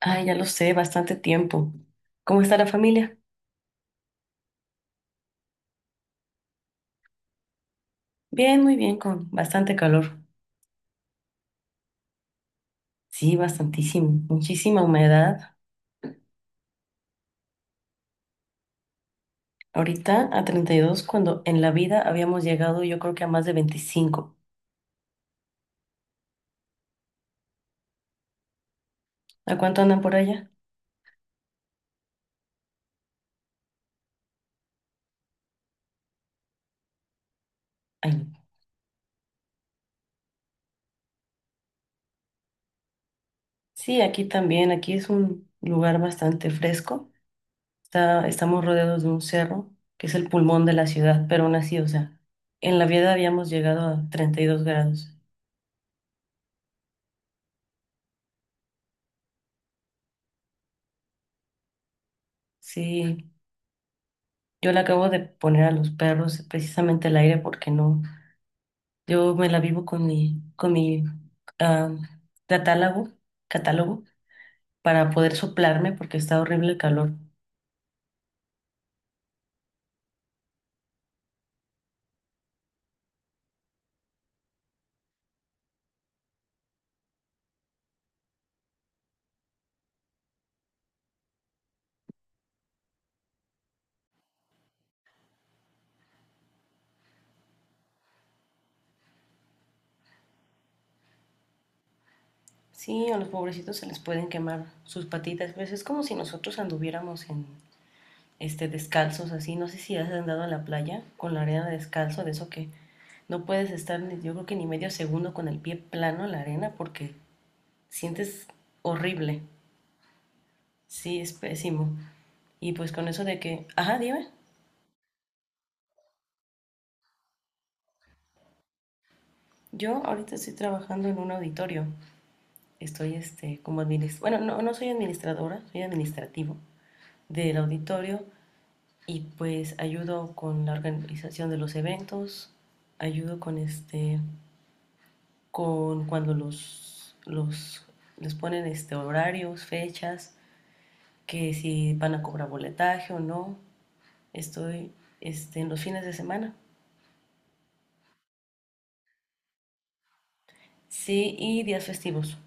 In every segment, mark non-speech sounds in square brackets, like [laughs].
Ay, ya lo sé, bastante tiempo. ¿Cómo está la familia? Bien, muy bien, con bastante calor. Sí, bastantísimo, muchísima humedad. Ahorita a 32. Cuando en la vida habíamos llegado yo creo que a más de 25. ¿A cuánto andan por allá? Ay, no. Sí, aquí también, aquí es un lugar bastante fresco. Estamos rodeados de un cerro, que es el pulmón de la ciudad, pero aún así, o sea, en la vida habíamos llegado a 32 grados. Sí. Yo le acabo de poner a los perros precisamente el aire porque no. Yo me la vivo con mi, ah, catálogo, catálogo para poder soplarme porque está horrible el calor. Sí, a los pobrecitos se les pueden quemar sus patitas. Pues es como si nosotros anduviéramos en descalzos así. No sé si has andado a la playa con la arena descalzo, de eso que no puedes estar, yo creo que ni medio segundo con el pie plano en la arena porque sientes horrible. Sí, es pésimo. Y pues con eso de que, ajá, dime, yo ahorita estoy trabajando en un auditorio. Estoy como administradora, bueno, no, no soy administradora, soy administrativo del auditorio y pues ayudo con la organización de los eventos, ayudo con con cuando les ponen horarios, fechas, que si van a cobrar boletaje o no. Estoy en los fines de semana. Sí, y días festivos.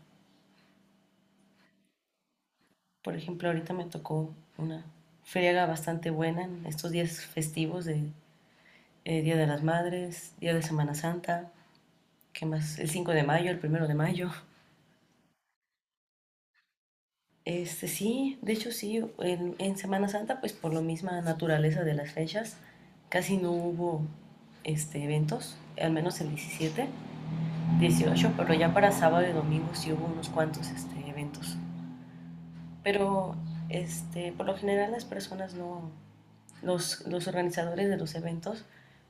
Por ejemplo, ahorita me tocó una friega bastante buena en estos días festivos de Día de las Madres, Día de Semana Santa, ¿qué más? El 5 de mayo, el primero de mayo. Este sí, de hecho sí, en Semana Santa, pues por la misma naturaleza de las fechas, casi no hubo eventos, al menos el 17 18, pero ya para sábado y domingo sí hubo unos cuantos eventos. Pero por lo general las personas no, los organizadores de los eventos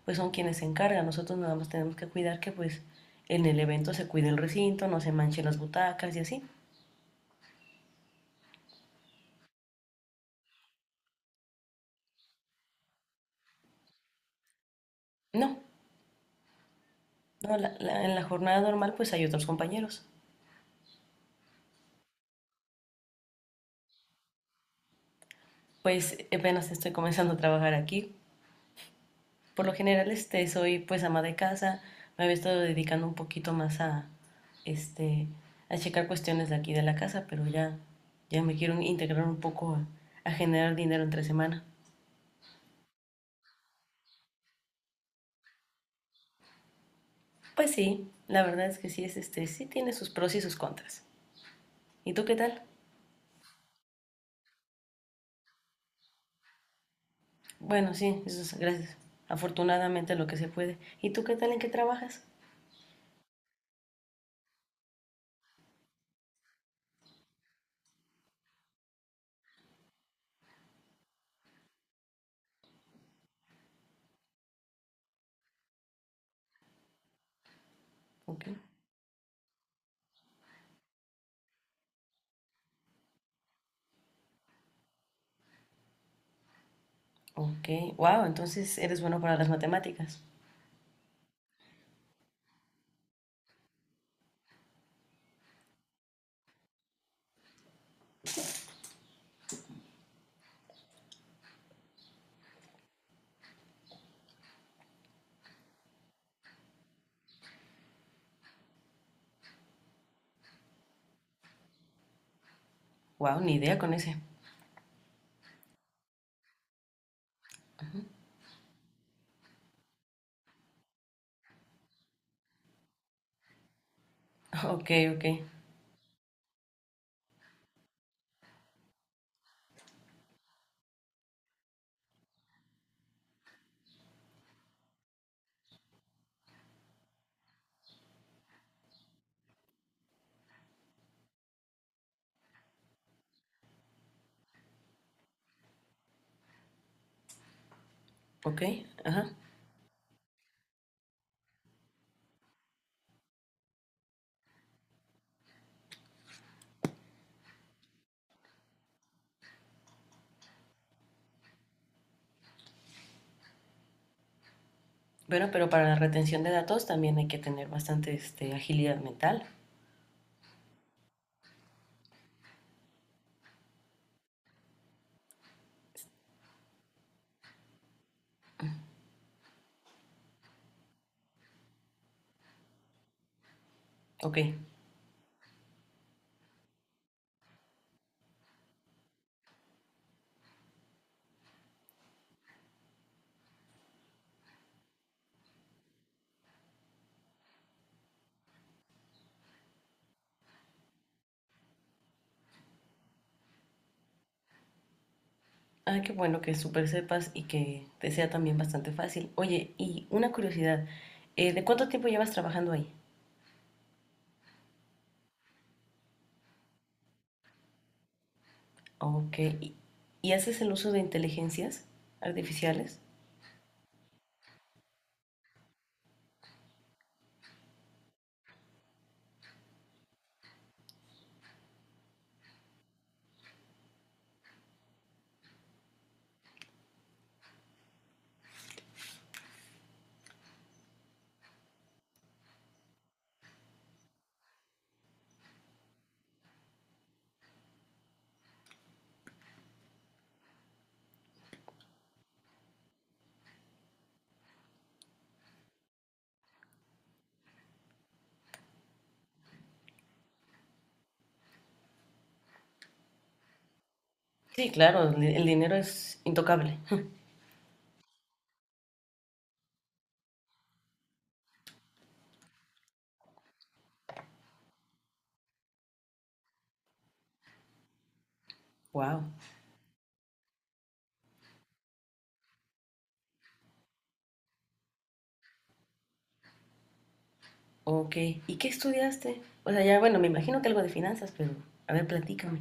pues son quienes se encargan. Nosotros nada más tenemos que cuidar que pues en el evento se cuide el recinto, no se manchen las butacas y así. No, en la jornada normal pues hay otros compañeros. Pues apenas estoy comenzando a trabajar aquí. Por lo general soy pues ama de casa, me había estado dedicando un poquito más a, este, a checar cuestiones de aquí de la casa, pero ya, ya me quiero integrar un poco a generar dinero entre semana. Pues sí, la verdad es que sí es sí tiene sus pros y sus contras. ¿Y tú qué tal? Bueno, sí, eso es, gracias. Afortunadamente lo que se puede. ¿Y tú qué tal en qué trabajas? Ok. Ok. Wow, entonces eres bueno para las matemáticas. Wow, ni idea con ese. [laughs] Ok, ok. Ok, ajá. Bueno, pero para la retención de datos también hay que tener bastante agilidad mental. Ok. Ah, qué bueno que súper sepas y que te sea también bastante fácil. Oye, y una curiosidad, ¿de cuánto tiempo llevas trabajando ahí? Ok. Y haces el uso de inteligencias artificiales? Sí, claro, el dinero es intocable. Wow. Ok. ¿Y qué estudiaste? O sea, ya, bueno, me imagino que algo de finanzas, pero a ver, platícame.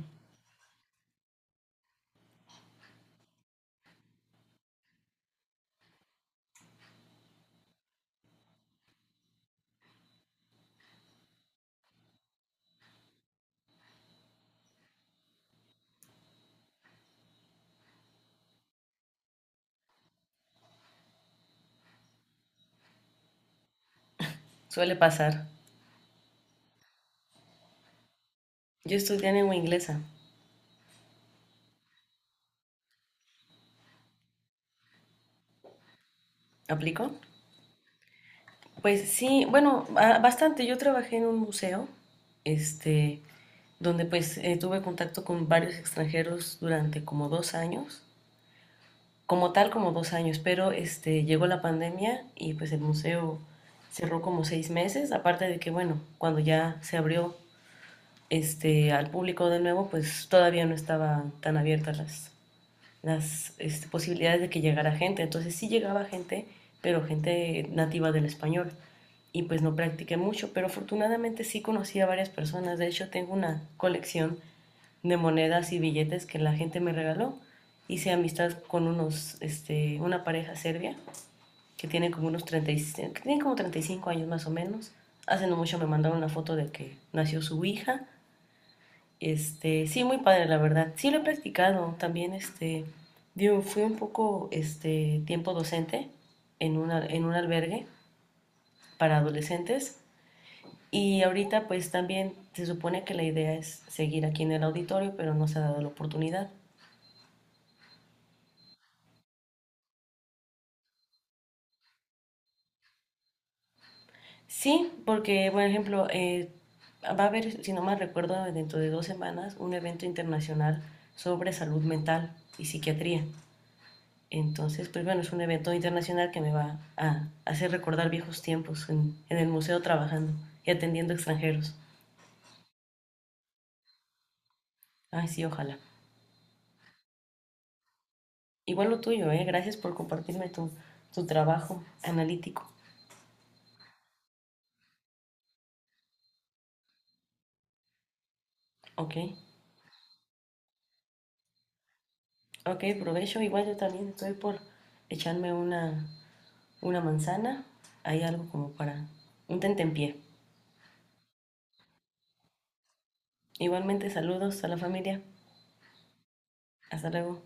Suele pasar. Yo estudié lengua inglesa. ¿Aplico? Pues sí, bueno, bastante. Yo trabajé en un museo, este, donde pues tuve contacto con varios extranjeros durante como dos años. Como tal, como dos años, pero llegó la pandemia y pues el museo cerró como 6 meses, aparte de que, bueno, cuando ya se abrió al público de nuevo, pues todavía no estaban tan abiertas las posibilidades de que llegara gente, entonces sí llegaba gente, pero gente nativa del español. Y pues no practiqué mucho, pero afortunadamente sí conocí a varias personas. De hecho, tengo una colección de monedas y billetes que la gente me regaló. Hice amistad con una pareja serbia que tiene como unos 35, que tiene como 35 años más o menos. Hace no mucho me mandaron una foto de que nació su hija. Este, sí, muy padre, la verdad. Sí lo he practicado. También, digo, fui un poco, tiempo docente en, en un albergue para adolescentes. Y ahorita, pues, también se supone que la idea es seguir aquí en el auditorio, pero no se ha dado la oportunidad. Sí, porque, por ejemplo, va a haber, si no mal recuerdo, dentro de dos semanas un evento internacional sobre salud mental y psiquiatría. Entonces, pues bueno, es un evento internacional que me va a hacer recordar viejos tiempos en el museo trabajando y atendiendo extranjeros. Ay, sí, ojalá. Igual lo tuyo, ¿eh? Gracias por compartirme tu, tu trabajo analítico. Ok, ok, provecho. Igual yo también estoy por echarme una manzana, hay algo como para un tentempié. Igualmente saludos a la familia. Hasta luego.